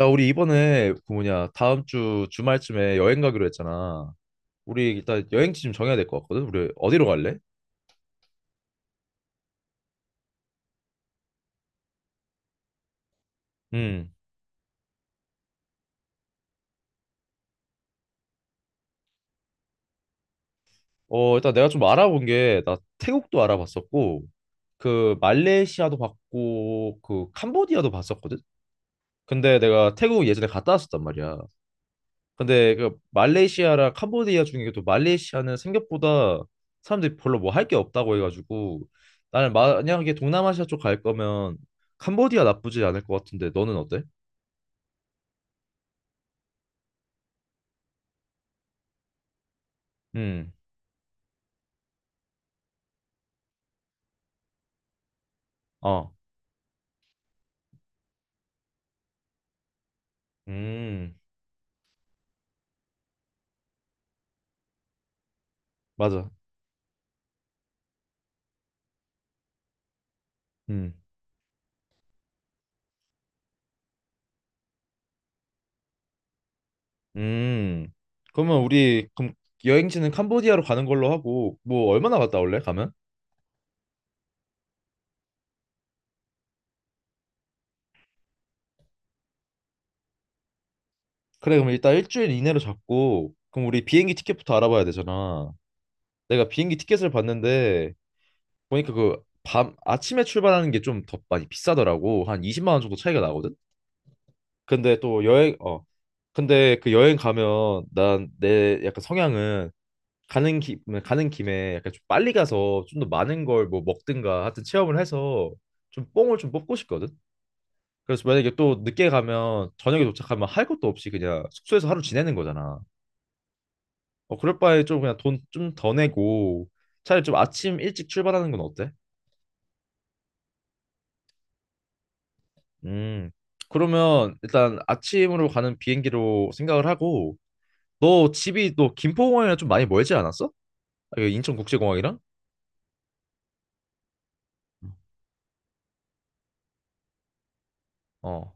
야, 우리 이번에 그 뭐냐 다음 주 주말쯤에 여행 가기로 했잖아. 우리 일단 여행지 좀 정해야 될 것 같거든. 우리 어디로 갈래? 음. 어, 일단 내가 좀 알아본 게 나 태국도 알아봤었고 그 말레이시아도 봤고 그 캄보디아도 봤었거든. 근데 내가 태국 예전에 갔다 왔었단 말이야. 근데 그 말레이시아랑 캄보디아 중에도 말레이시아는 생각보다 사람들이 별로 뭐 할 게 없다고 해가지고 나는 만약에 동남아시아 쪽 갈 거면 캄보디아 나쁘지 않을 것 같은데 너는 어때? 음, 어, 음, 맞아. 음, 음. 그러면 우리 그럼 여행지는 캄보디아로 가는 걸로 하고 뭐 얼마나 갔다 올래? 가면? 그래, 그럼 일단 일주일 이내로 잡고 그럼 우리 비행기 티켓부터 알아봐야 되잖아. 내가 비행기 티켓을 봤는데 보니까 그 밤 아침에 출발하는 게 좀 더 많이 비싸더라고. 한 20만 원 정도 차이가 나거든. 근데 또 여행 근데 그 여행 가면 난 내 약간 성향은 가는 김에 약간 좀 빨리 가서 좀 더 많은 걸 뭐 먹든가 하여튼 체험을 해서 좀 뽕을 좀 뽑고 싶거든. 그래서 만약에 또 늦게 가면 저녁에 도착하면 할 것도 없이 그냥 숙소에서 하루 지내는 거잖아. 어 그럴 바에 좀 그냥 돈 좀 더 내고 차라리 좀 아침 일찍 출발하는 건 어때? 음. 그러면 일단 아침으로 가는 비행기로 생각을 하고 너 집이 또 김포공항이랑 좀 많이 멀지 않았어? 아, 여기 인천국제공항이랑? 어.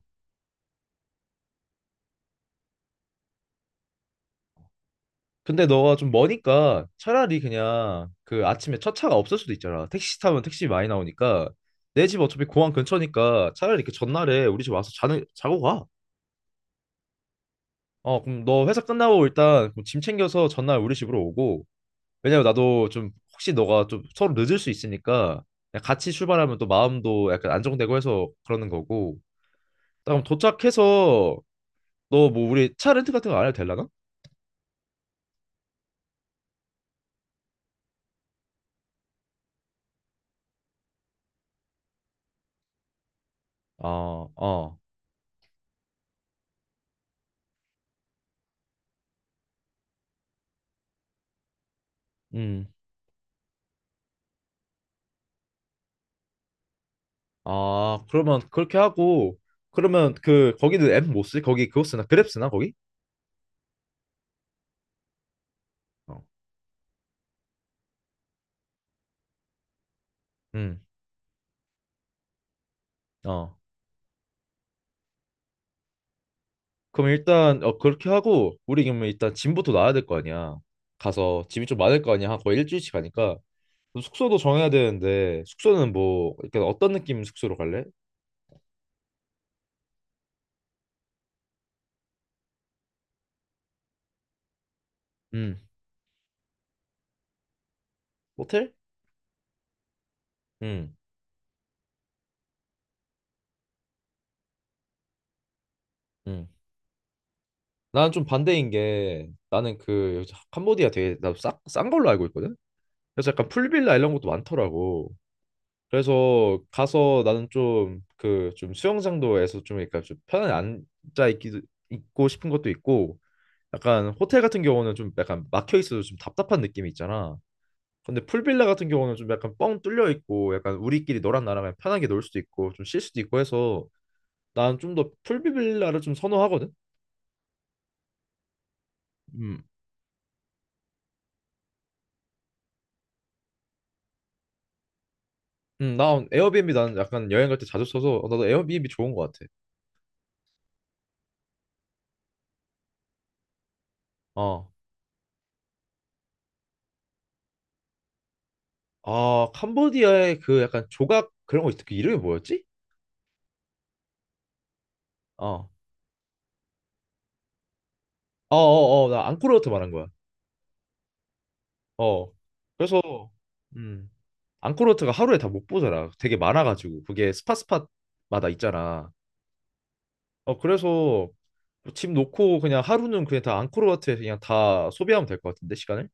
근데 너가 좀 머니까 차라리 그냥 그 아침에 첫 차가 없을 수도 있잖아. 택시 타면 택시 많이 나오니까 내 집 어차피 공항 근처니까 차라리 그 전날에 우리 집 와서 자는 자고 가. 어 그럼 너 회사 끝나고 일단 그짐 챙겨서 전날 우리 집으로 오고 왜냐면 나도 좀 혹시 너가 좀 서로 늦을 수 있으니까 그냥 같이 출발하면 또 마음도 약간 안정되고 해서 그러는 거고. 그럼 도착해서 너 뭐 우리 차 렌트 같은 거 안 해도 되려나? 어, 어, 음. 아, 그러면 그렇게 하고, 그러면 그, 거기는 앱 못 쓰? 거기 그거 쓰나? 그랩 쓰나, 거기? 어, 응, 어. 그럼 일단, 어, 그렇게 하고, 우리 그러면 일단 짐부터 놔야 될 거 아니야. 가서 짐이 좀 많을 거 아니야. 한 거의 일주일씩 가니까. 그럼 숙소도 정해야 되는데, 숙소는 뭐, 약간 어떤 느낌 숙소로 갈래? 음, 호텔? 음, 음. 나는 좀 반대인 게, 나는 그, 캄보디아 되게, 나도 싼 걸로 알고 있거든? 그래서 약간 풀빌라 이런 것도 많더라고. 그래서 가서 나는 좀 그 좀 수영장도에서 좀 그러니까 좀 편안히 앉아 있기도 있고 싶은 것도 있고 약간 호텔 같은 경우는 좀 약간 막혀 있어도 좀 답답한 느낌이 있잖아. 근데 풀빌라 같은 경우는 좀 약간 뻥 뚫려 있고 약간 우리끼리 너랑 나랑 그냥 편하게 놀 수도 있고 좀 쉴 수도 있고 해서 난 좀 더 풀빌라를 좀 선호하거든. 음. 나 에어비앤비 나는 약간 여행 갈 때 자주 써서 어, 나도 에어비앤비 좋은 것 같아. 어. 아, 캄보디아의 그 약간 조각 그런 거 그 이름이 뭐였지? 어. 어어어 나 앙코르워트 말한 거야. 어 그래서 음 앙코르워트가 하루에 다 못 보잖아. 되게 많아가지고 그게 스팟마다 있잖아. 어 그래서 집 놓고 그냥 하루는 그냥 다 앙코르워트에서 그냥 다 소비하면 될 것 같은데 시간을.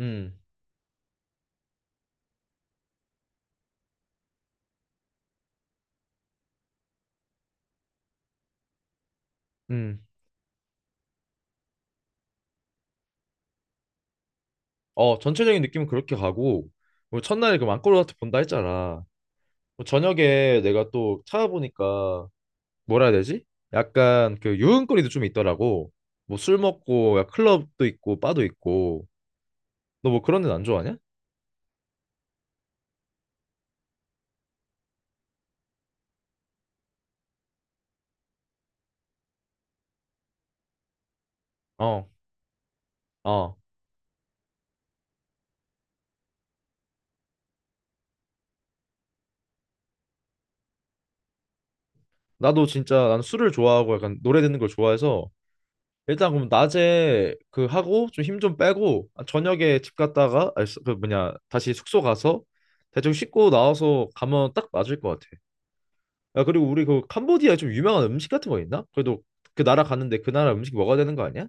음 음. 어 전체적인 느낌은 그렇게 가고 뭐 첫날에 그 앙코르워트 본다 했잖아. 뭐 저녁에 내가 또 찾아보니까 뭐라 해야 되지? 약간 그 유흥거리도 좀 있더라고. 뭐 술 먹고 야, 클럽도 있고 바도 있고 너 뭐 그런 데는 안 좋아하냐? 어, 어. 나도 진짜 난 술을 좋아하고 약간 노래 듣는 걸 좋아해서 일단 그럼 낮에 그 하고 좀 힘 좀 빼고 아, 저녁에 집 갔다가 아니, 수- 그 뭐냐 다시 숙소 가서 대충 씻고 나와서 가면 딱 맞을 것 같아. 야 그리고 우리 그 캄보디아에 좀 유명한 음식 같은 거 있나? 그래도 그 나라 갔는데 그 나라 음식 먹어야 되는 거 아니야?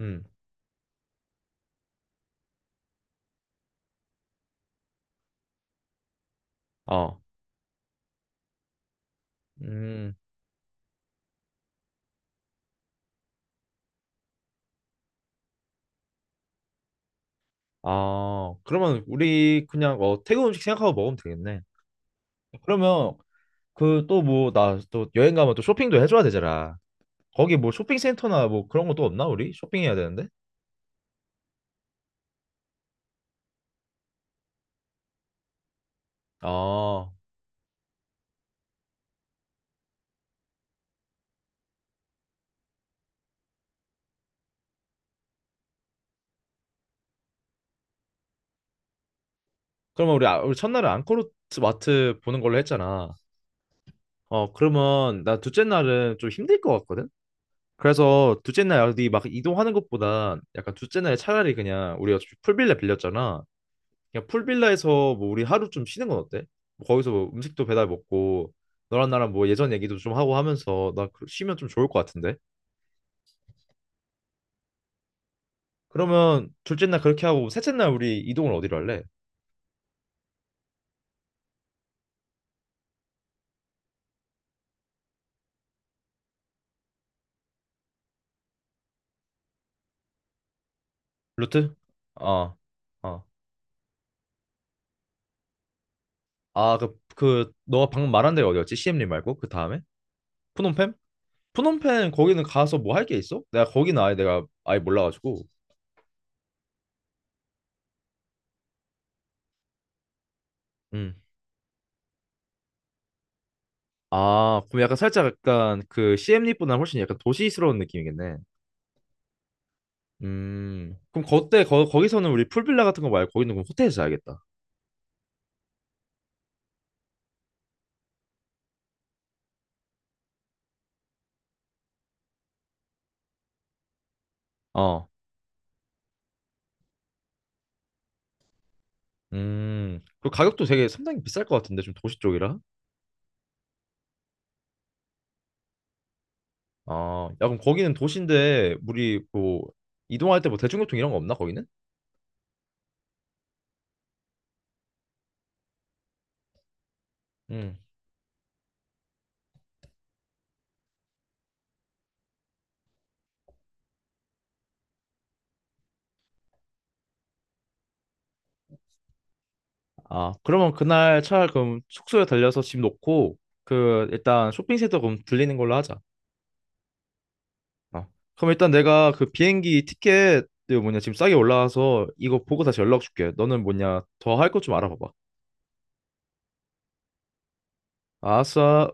음, 어, 음, 아 그러면 우리 그냥 어 태국 음식 생각하고 먹으면 되겠네. 그러면 그 또 뭐 나 또 여행 가면 또 쇼핑도 해줘야 되잖아. 거기 뭐 쇼핑센터나 뭐 그런 거 또 없나 우리? 쇼핑해야 되는데? 아 그러면 우리 첫날은 앙코르 마트 보는 걸로 했잖아. 어 그러면 나 둘째 날은 좀 힘들 것 같거든? 그래서 둘째 날 어디 막 이동하는 것보다 약간 둘째 날에 차라리 그냥 우리가 어차피 풀빌라 빌렸잖아. 그냥 풀빌라에서 뭐 우리 하루 좀 쉬는 건 어때? 뭐 거기서 뭐 음식도 배달 먹고 너랑 나랑 뭐 예전 얘기도 좀 하고 하면서 쉬면 좀 좋을 것 같은데? 그러면 둘째 날 그렇게 하고 셋째 날 우리 이동을 어디로 할래? 루트? 어, 어. 아, 그, 너가 방금 말한 데가 어디였지? CM림 말고 그 다음에? 푸놈펜? 푸놈펜 거기는 가서 뭐 할 게 있어? 내가 아예 몰라가지고. 음. 아, 그럼 약간 살짝 약간 그 CM림보다 훨씬 약간 도시스러운 느낌이겠네. 음. 그럼 그때 거기서는 우리 풀빌라 같은 거 말고 거기는 그럼 호텔에서 자야겠다. 어. 음. 그 가격도 되게 상당히 비쌀 것 같은데 좀 도시 쪽이라. 아, 야, 그럼 거기는 도시인데 우리 뭐 이동할 때 뭐 대중교통 이런 거 없나 거기는? 음. 아, 그러면 그날 차 그럼 숙소에 들려서 집 놓고 그 일단 쇼핑센터 그럼 들리는 걸로 하자. 어. 그럼 일단 내가 그 비행기 티켓 그 뭐냐 지금 싸게 올라와서 이거 보고 다시 연락 줄게. 너는 뭐냐 더 할 것 좀 알아봐봐. 아싸.